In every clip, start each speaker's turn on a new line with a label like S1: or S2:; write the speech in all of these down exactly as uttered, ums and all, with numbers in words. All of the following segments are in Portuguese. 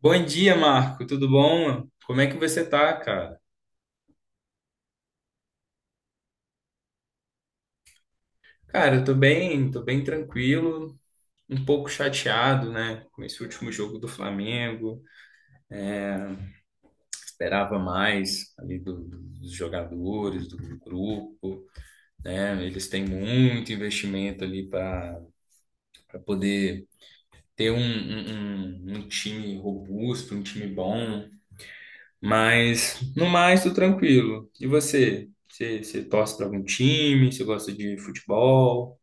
S1: Bom dia, Marco. Tudo bom? Como é que você tá, cara? Cara, eu tô bem, tô bem tranquilo, um pouco chateado, né, com esse último jogo do Flamengo. Esperava mais ali do- do- dos jogadores, do grupo, né? Eles têm muito investimento ali para para poder ter um, um, um um time robusto, um time bom. Mas, no mais, tô tranquilo. E você? Você, você torce para algum time? Você gosta de futebol?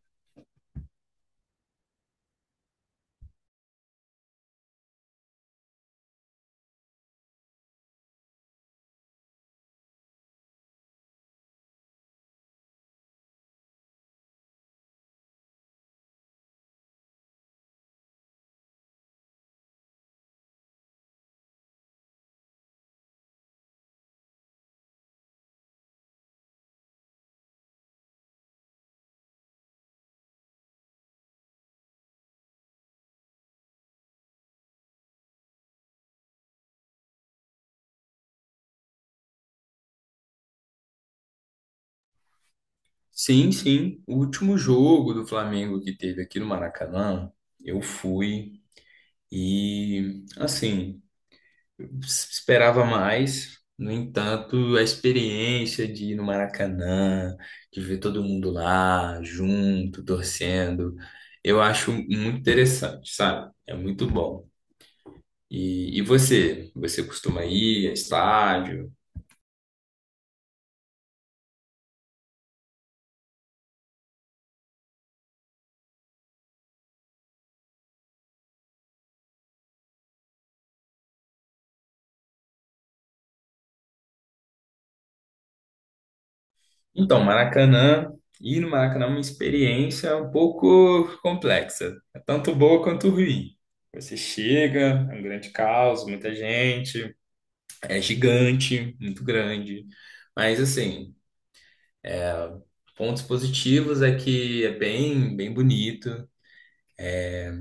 S1: Sim, sim. O último jogo do Flamengo que teve aqui no Maracanã, eu fui e, assim, s- esperava mais. No entanto, a experiência de ir no Maracanã, de ver todo mundo lá, junto, torcendo, eu acho muito interessante, sabe? É muito bom. E, e você? Você costuma ir a estádio? Então, Maracanã, ir no Maracanã é uma experiência um pouco complexa. É tanto boa quanto ruim. Você chega, é um grande caos, muita gente, é gigante, muito grande. Mas, assim, pontos positivos é que é bem, bem bonito.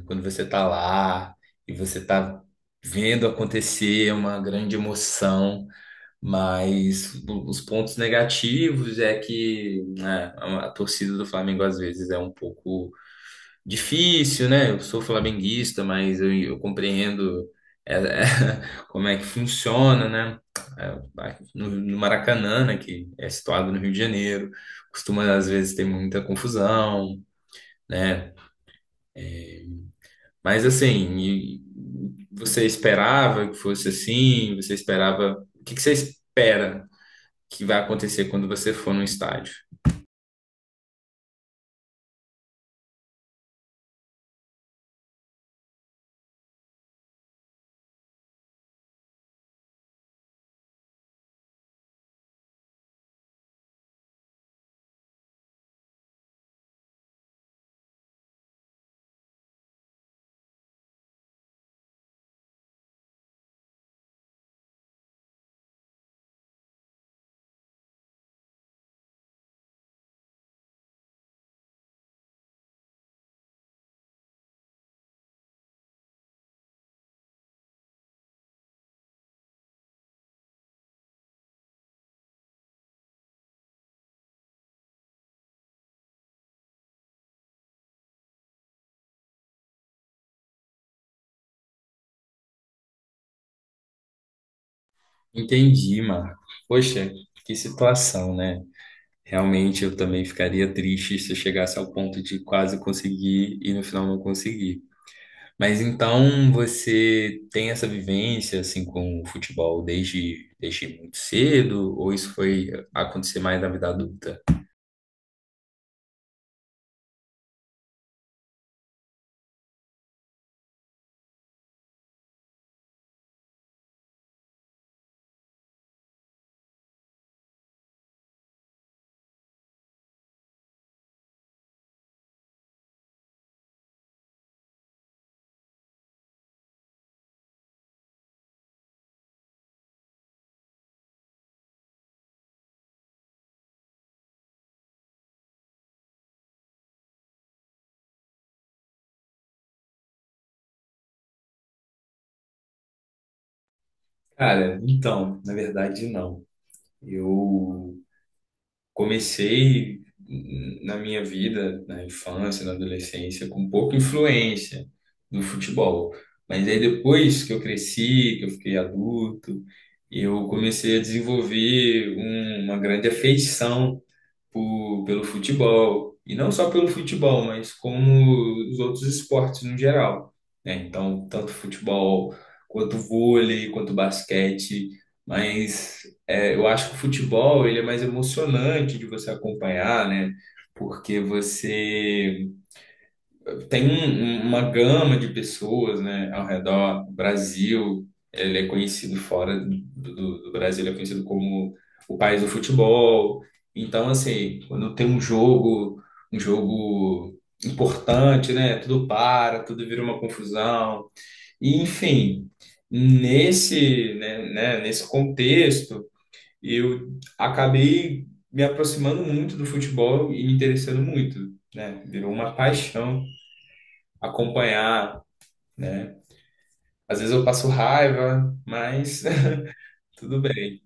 S1: Quando você tá lá e você tá vendo acontecer, é uma grande emoção. Mas os pontos negativos é que né, a torcida do Flamengo às vezes é um pouco difícil, né? Eu sou flamenguista, mas eu, eu compreendo é, é, como é que funciona, né? É, No, no Maracanã, né, que é situado no Rio de Janeiro, costuma às vezes ter muita confusão, né? Mas assim, e- você esperava que fosse assim? Você esperava. O que que você espera que vai acontecer quando você for num estádio? Entendi, Marco. Poxa, que situação, né? Realmente eu também ficaria triste se eu chegasse ao ponto de quase conseguir e no final não conseguir. Mas então você tem essa vivência assim com o futebol desde, desde muito cedo ou isso foi acontecer mais na vida adulta? Cara, então, na verdade, não. Eu comecei na minha vida, na infância, na adolescência, com pouca influência no futebol. Mas aí depois que eu cresci, que eu fiquei adulto, eu comecei a desenvolver um- uma grande afeição por- pelo futebol, e não só pelo futebol, mas como os outros esportes no geral, né? Então, tanto futebol quanto vôlei, quanto basquete, mas é, eu acho que o futebol ele é mais emocionante de você acompanhar, né? Porque você tem um- um, uma gama de pessoas, né, ao redor do Brasil. Ele é conhecido fora do, do- do Brasil, ele é conhecido como o país do futebol. Então, assim, quando tem um jogo, um jogo importante, né, tudo para, tudo vira uma confusão. E, enfim, nesse, né, né, nesse contexto, eu acabei me aproximando muito do futebol e me interessando muito, né? Virou uma paixão acompanhar, né? Às vezes eu passo raiva, mas tudo bem.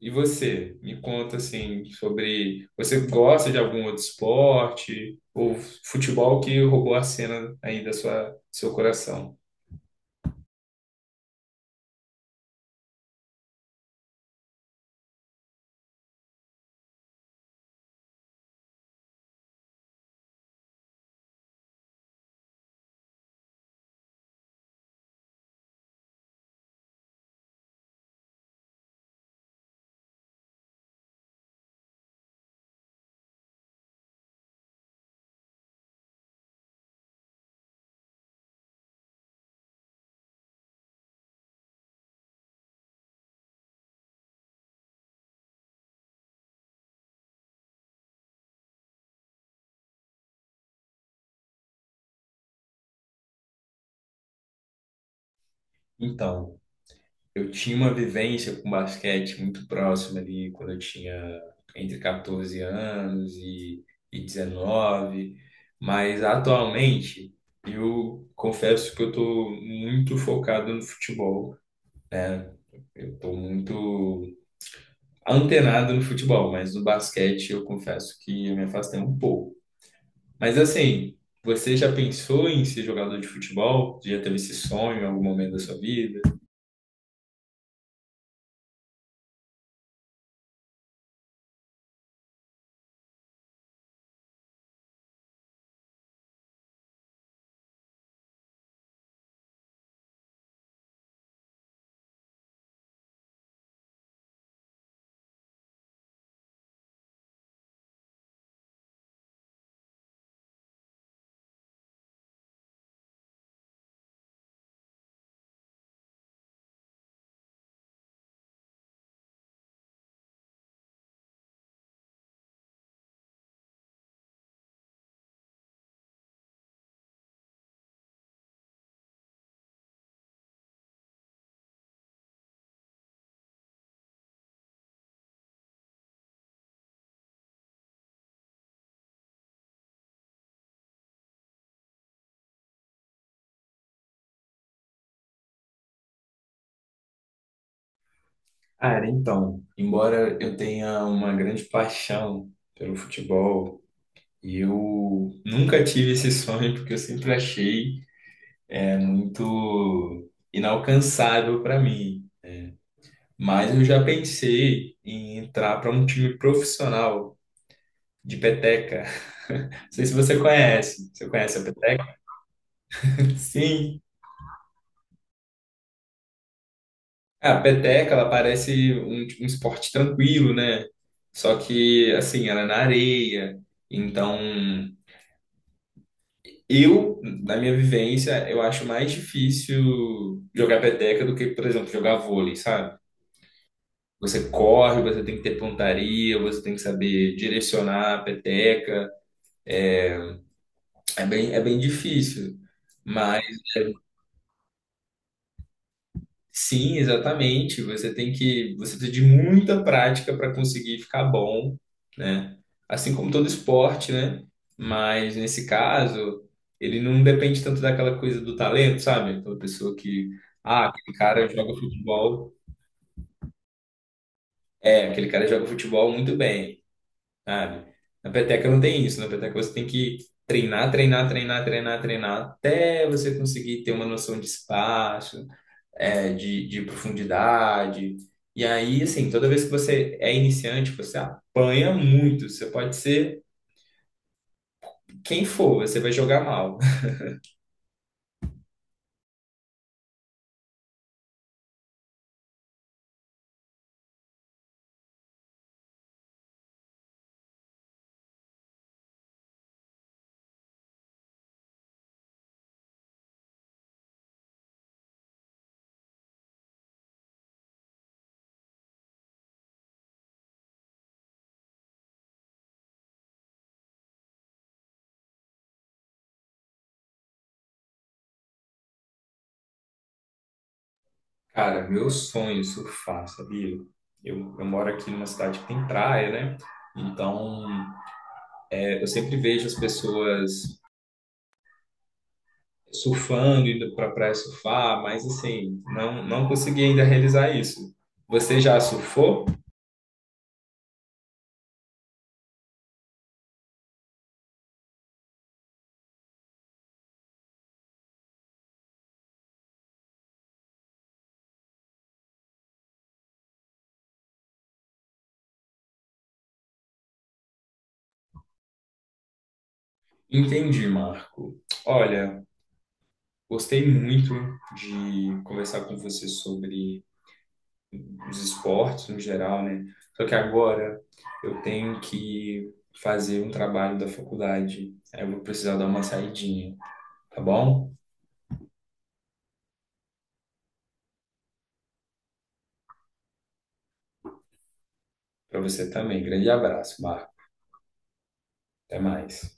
S1: E você? Me conta assim sobre você gosta de algum outro esporte ou futebol que roubou a cena aí da sua seu coração? Então, eu tinha uma vivência com basquete muito próxima ali quando eu tinha entre quatorze anos e, e dezenove, mas atualmente eu confesso que eu estou muito focado no futebol. Eu tô muito antenado no futebol, mas no basquete eu confesso que eu me afastei um pouco. Mas assim, você já pensou em ser jogador de futebol? Já teve esse sonho em algum momento da sua vida? Cara, então, embora eu tenha uma grande paixão pelo futebol, eu nunca tive esse sonho porque eu sempre achei é, muito inalcançável para mim. Mas eu já pensei em entrar para um time profissional de peteca. Não sei se você conhece. Você conhece a peteca? Sim. A peteca, ela parece um, tipo, um esporte tranquilo, né? Só que, assim, ela é na areia. Então, eu, na minha vivência, eu acho mais difícil jogar peteca do que, por exemplo, jogar vôlei, sabe? Você corre, você tem que ter pontaria, você tem que saber direcionar a peteca. É bem, é bem difícil. Mas sim, exatamente. Você tem que, você precisa de muita prática para conseguir ficar bom, né? Assim como todo esporte, né? Mas nesse caso, ele não depende tanto daquela coisa do talento, sabe? Aquela pessoa que, ah, aquele cara joga futebol, é, aquele cara joga futebol muito bem, sabe? Na peteca não tem isso, na peteca você tem que treinar, treinar, treinar, treinar, treinar, até você conseguir ter uma noção de espaço, é, de, de profundidade. E aí, assim, toda vez que você é iniciante, você apanha muito. Você pode ser quem for, você vai jogar mal. Cara, meu sonho é surfar, sabia? Eu, eu moro aqui numa cidade que tem praia, né? Então, é, eu sempre vejo as pessoas surfando, indo pra praia surfar, mas assim, não, não consegui ainda realizar isso. Você já surfou? Entendi, Marco. Olha, gostei muito de conversar com você sobre os esportes no geral, né? Só que agora eu tenho que fazer um trabalho da faculdade. Aí eu vou precisar dar uma saidinha, tá bom? Para você também. Grande abraço, Marco. Até mais.